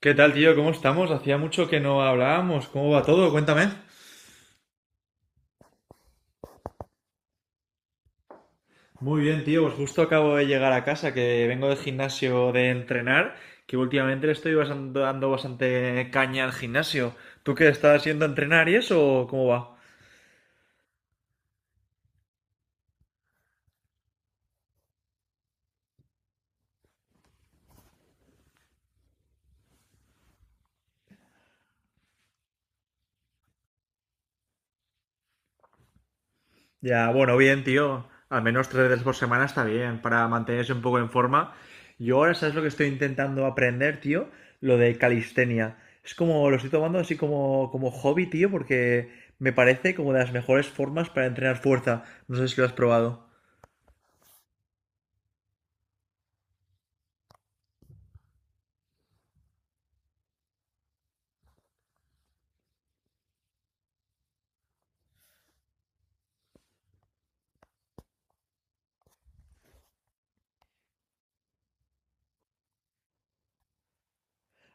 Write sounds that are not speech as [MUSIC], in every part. ¿Qué tal, tío? ¿Cómo estamos? Hacía mucho que no hablábamos. ¿Cómo va todo? Cuéntame. Muy bien, tío. Pues justo acabo de llegar a casa, que vengo del gimnasio de entrenar, que últimamente le estoy dando bastante caña al gimnasio. ¿Tú qué estás haciendo a entrenar y eso? ¿O cómo va? Ya, bueno, bien, tío. Al menos tres veces por semana está bien para mantenerse un poco en forma. Yo ahora, ¿sabes lo que estoy intentando aprender, tío? Lo de calistenia. Es como, lo estoy tomando así como, como hobby, tío, porque me parece como de las mejores formas para entrenar fuerza. No sé si lo has probado.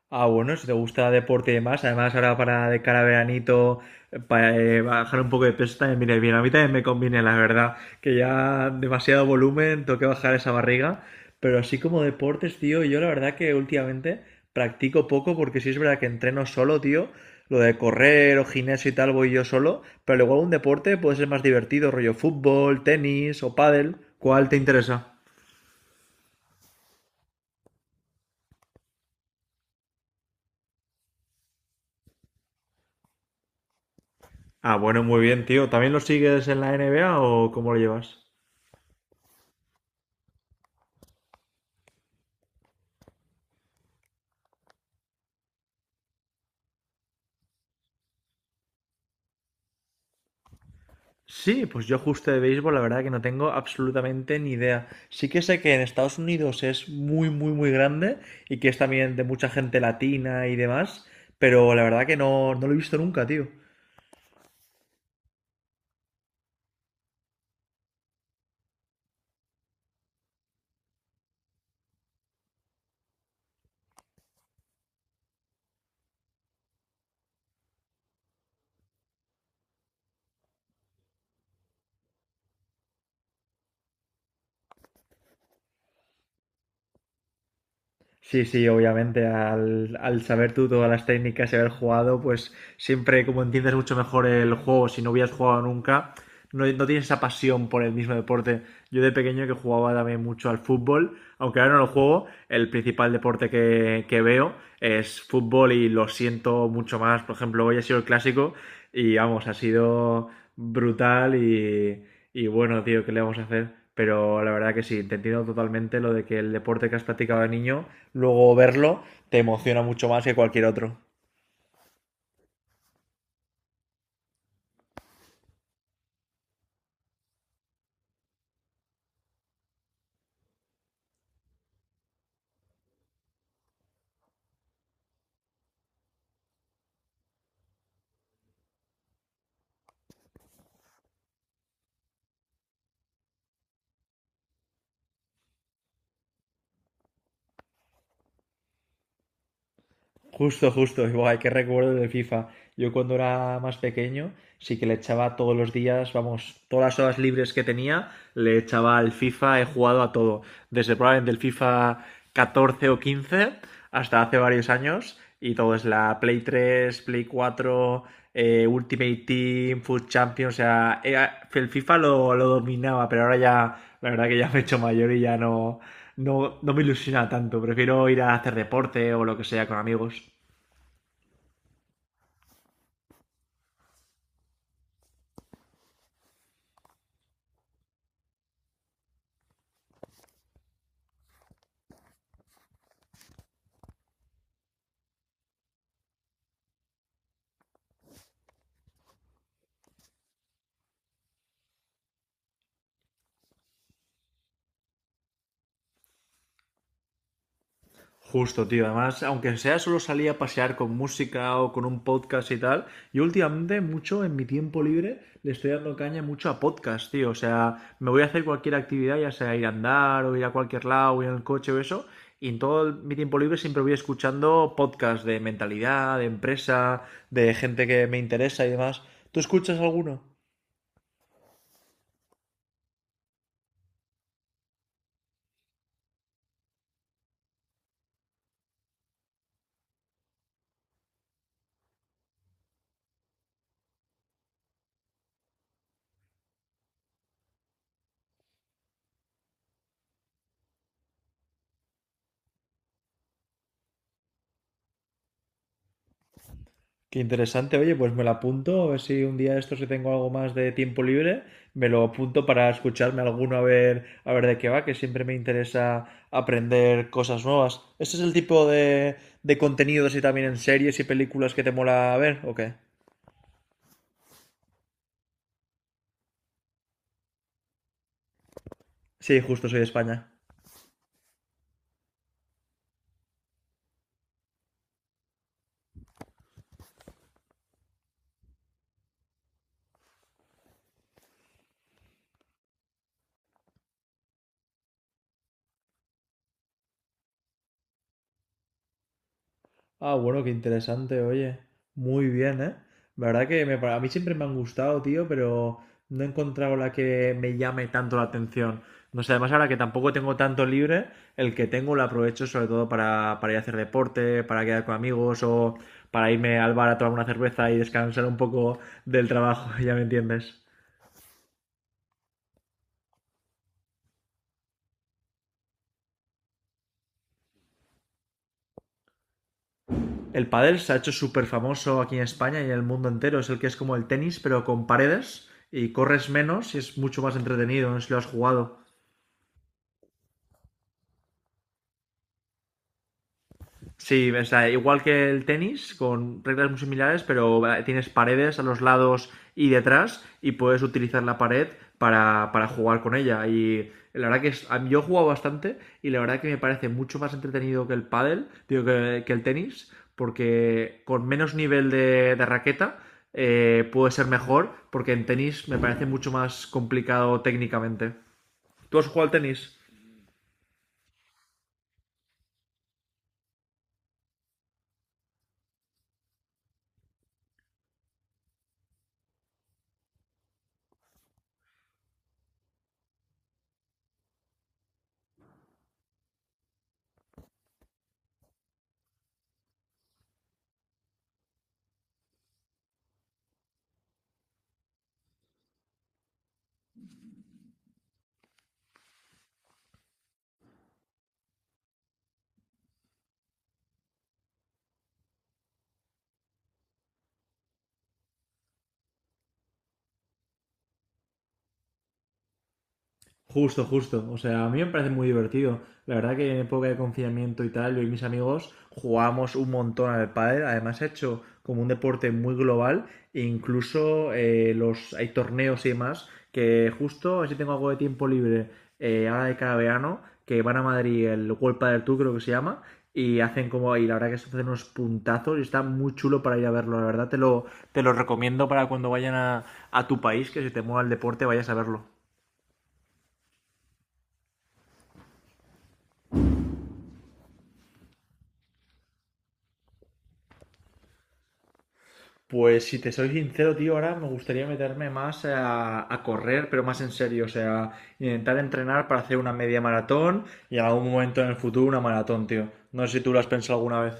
Ah, bueno, si te gusta deporte y demás, además ahora para de cara a veranito, para bajar un poco de peso también viene bien. A mí también me conviene, la verdad, que ya demasiado volumen, tengo que bajar esa barriga. Pero así como deportes, tío, yo la verdad que últimamente practico poco porque sí es verdad que entreno solo, tío. Lo de correr o gimnasio y tal voy yo solo, pero luego un deporte puede ser más divertido, rollo fútbol, tenis o pádel. ¿Cuál te interesa? Ah, bueno, muy bien, tío. ¿También lo sigues en la NBA o cómo lo llevas? Sí, pues yo justo de béisbol, la verdad que no tengo absolutamente ni idea. Sí que sé que en Estados Unidos es muy, muy, muy grande y que es también de mucha gente latina y demás, pero la verdad que no, no lo he visto nunca, tío. Sí, sí, obviamente, al saber tú todas las técnicas y haber jugado, pues siempre como entiendes mucho mejor el juego, si no hubieras jugado nunca, no, no tienes esa pasión por el mismo deporte. Yo de pequeño que jugaba también mucho al fútbol, aunque ahora no lo juego, el principal deporte que veo es fútbol y lo siento mucho más. Por ejemplo, hoy ha sido el clásico y vamos, ha sido brutal y bueno, tío, ¿qué le vamos a hacer? Pero la verdad que sí, te entiendo totalmente lo de que el deporte que has practicado de niño, luego verlo, te emociona mucho más que cualquier otro. Justo, justo. Y, buah, qué recuerdo del FIFA. Yo cuando era más pequeño, sí que le echaba todos los días, vamos, todas las horas libres que tenía, le echaba al FIFA, he jugado a todo. Desde probablemente el FIFA 14 o 15 hasta hace varios años. Y todo es la Play 3, Play 4, Ultimate Team, Food Champions. O sea, el FIFA lo dominaba, pero ahora ya, la verdad que ya me he hecho mayor y ya no, no, no me ilusiona tanto. Prefiero ir a hacer deporte o lo que sea con amigos. Justo, tío. Además, aunque sea solo salía a pasear con música o con un podcast y tal, yo últimamente mucho en mi tiempo libre le estoy dando caña mucho a podcast, tío. O sea, me voy a hacer cualquier actividad, ya sea ir a andar o ir a cualquier lado, o ir en el coche o eso. Y en mi tiempo libre siempre voy escuchando podcast de mentalidad, de empresa, de gente que me interesa y demás. ¿Tú escuchas alguno? Qué interesante, oye, pues me lo apunto, a ver si un día de estos si tengo algo más de tiempo libre, me lo apunto para escucharme alguno a ver de qué va, que siempre me interesa aprender cosas nuevas. ¿Este es el tipo de contenidos y también en series y películas que te mola ver o qué? Sí, justo soy de España. Ah, bueno, qué interesante, oye. Muy bien, ¿eh? La verdad que a mí siempre me han gustado, tío, pero no he encontrado la que me llame tanto la atención. No sé, además ahora que tampoco tengo tanto libre, el que tengo lo aprovecho sobre todo para ir a hacer deporte, para quedar con amigos o para irme al bar a tomar una cerveza y descansar un poco del trabajo, [LAUGHS] ya me entiendes. El pádel se ha hecho súper famoso aquí en España y en el mundo entero. Es el que es como el tenis, pero con paredes y corres menos y es mucho más entretenido. No sé si lo has jugado. Sí, o sea, igual que el tenis, con reglas muy similares, pero tienes paredes a los lados y detrás y puedes utilizar la pared para jugar con ella. Y la verdad que es, yo he jugado bastante y la verdad que me parece mucho más entretenido que el pádel, digo, que el tenis, porque con menos nivel de raqueta puede ser mejor, porque en tenis me parece mucho más complicado técnicamente. ¿Tú has jugado al tenis? Justo, justo. O sea, a mí me parece muy divertido. La verdad que en época de confinamiento y tal, yo y mis amigos jugamos un montón al pádel. Además, he hecho como un deporte muy global. E incluso los hay torneos y demás que justo, así tengo algo de tiempo libre ahora de cada verano, que van a Madrid, el World Padel Tour creo que se llama, y hacen como, y la verdad que se hacen unos puntazos y está muy chulo para ir a verlo, la verdad te lo recomiendo para cuando vayan a tu país, que si te mueva el deporte vayas a verlo. Pues si te soy sincero, tío, ahora me gustaría meterme más a correr, pero más en serio, o sea, intentar entrenar para hacer una media maratón y en algún momento en el futuro una maratón, tío. No sé si tú lo has pensado alguna vez.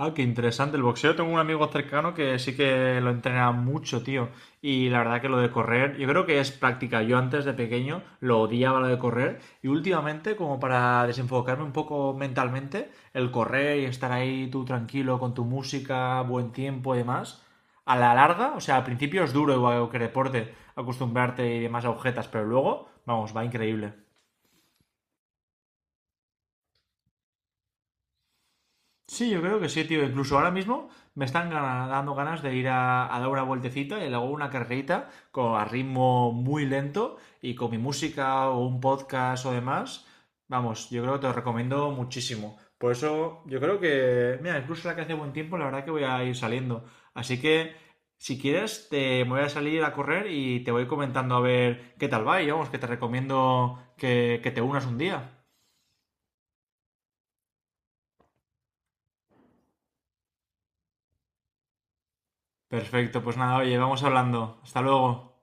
Ah, qué interesante. El boxeo, tengo un amigo cercano que sí que lo entrena mucho, tío. Y la verdad que lo de correr, yo creo que es práctica. Yo antes de pequeño lo odiaba lo de correr. Y últimamente, como para desenfocarme un poco mentalmente, el correr y estar ahí tú tranquilo con tu música, buen tiempo y demás, a la larga, o sea, al principio es duro igual que deporte, acostumbrarte y demás a agujetas, pero luego, vamos, va increíble. Sí, yo creo que sí, tío. Incluso ahora mismo me están dando ganas de ir a dar una vueltecita y luego una carrerita con, a ritmo muy lento y con mi música o un podcast o demás. Vamos, yo creo que te lo recomiendo muchísimo. Por eso yo creo que, mira, incluso la que hace buen tiempo, la verdad que voy a ir saliendo. Así que, si quieres, te me voy a salir a correr y te voy comentando a ver qué tal va y vamos, que te recomiendo que te unas un día. Perfecto, pues nada, oye, vamos hablando. Hasta luego.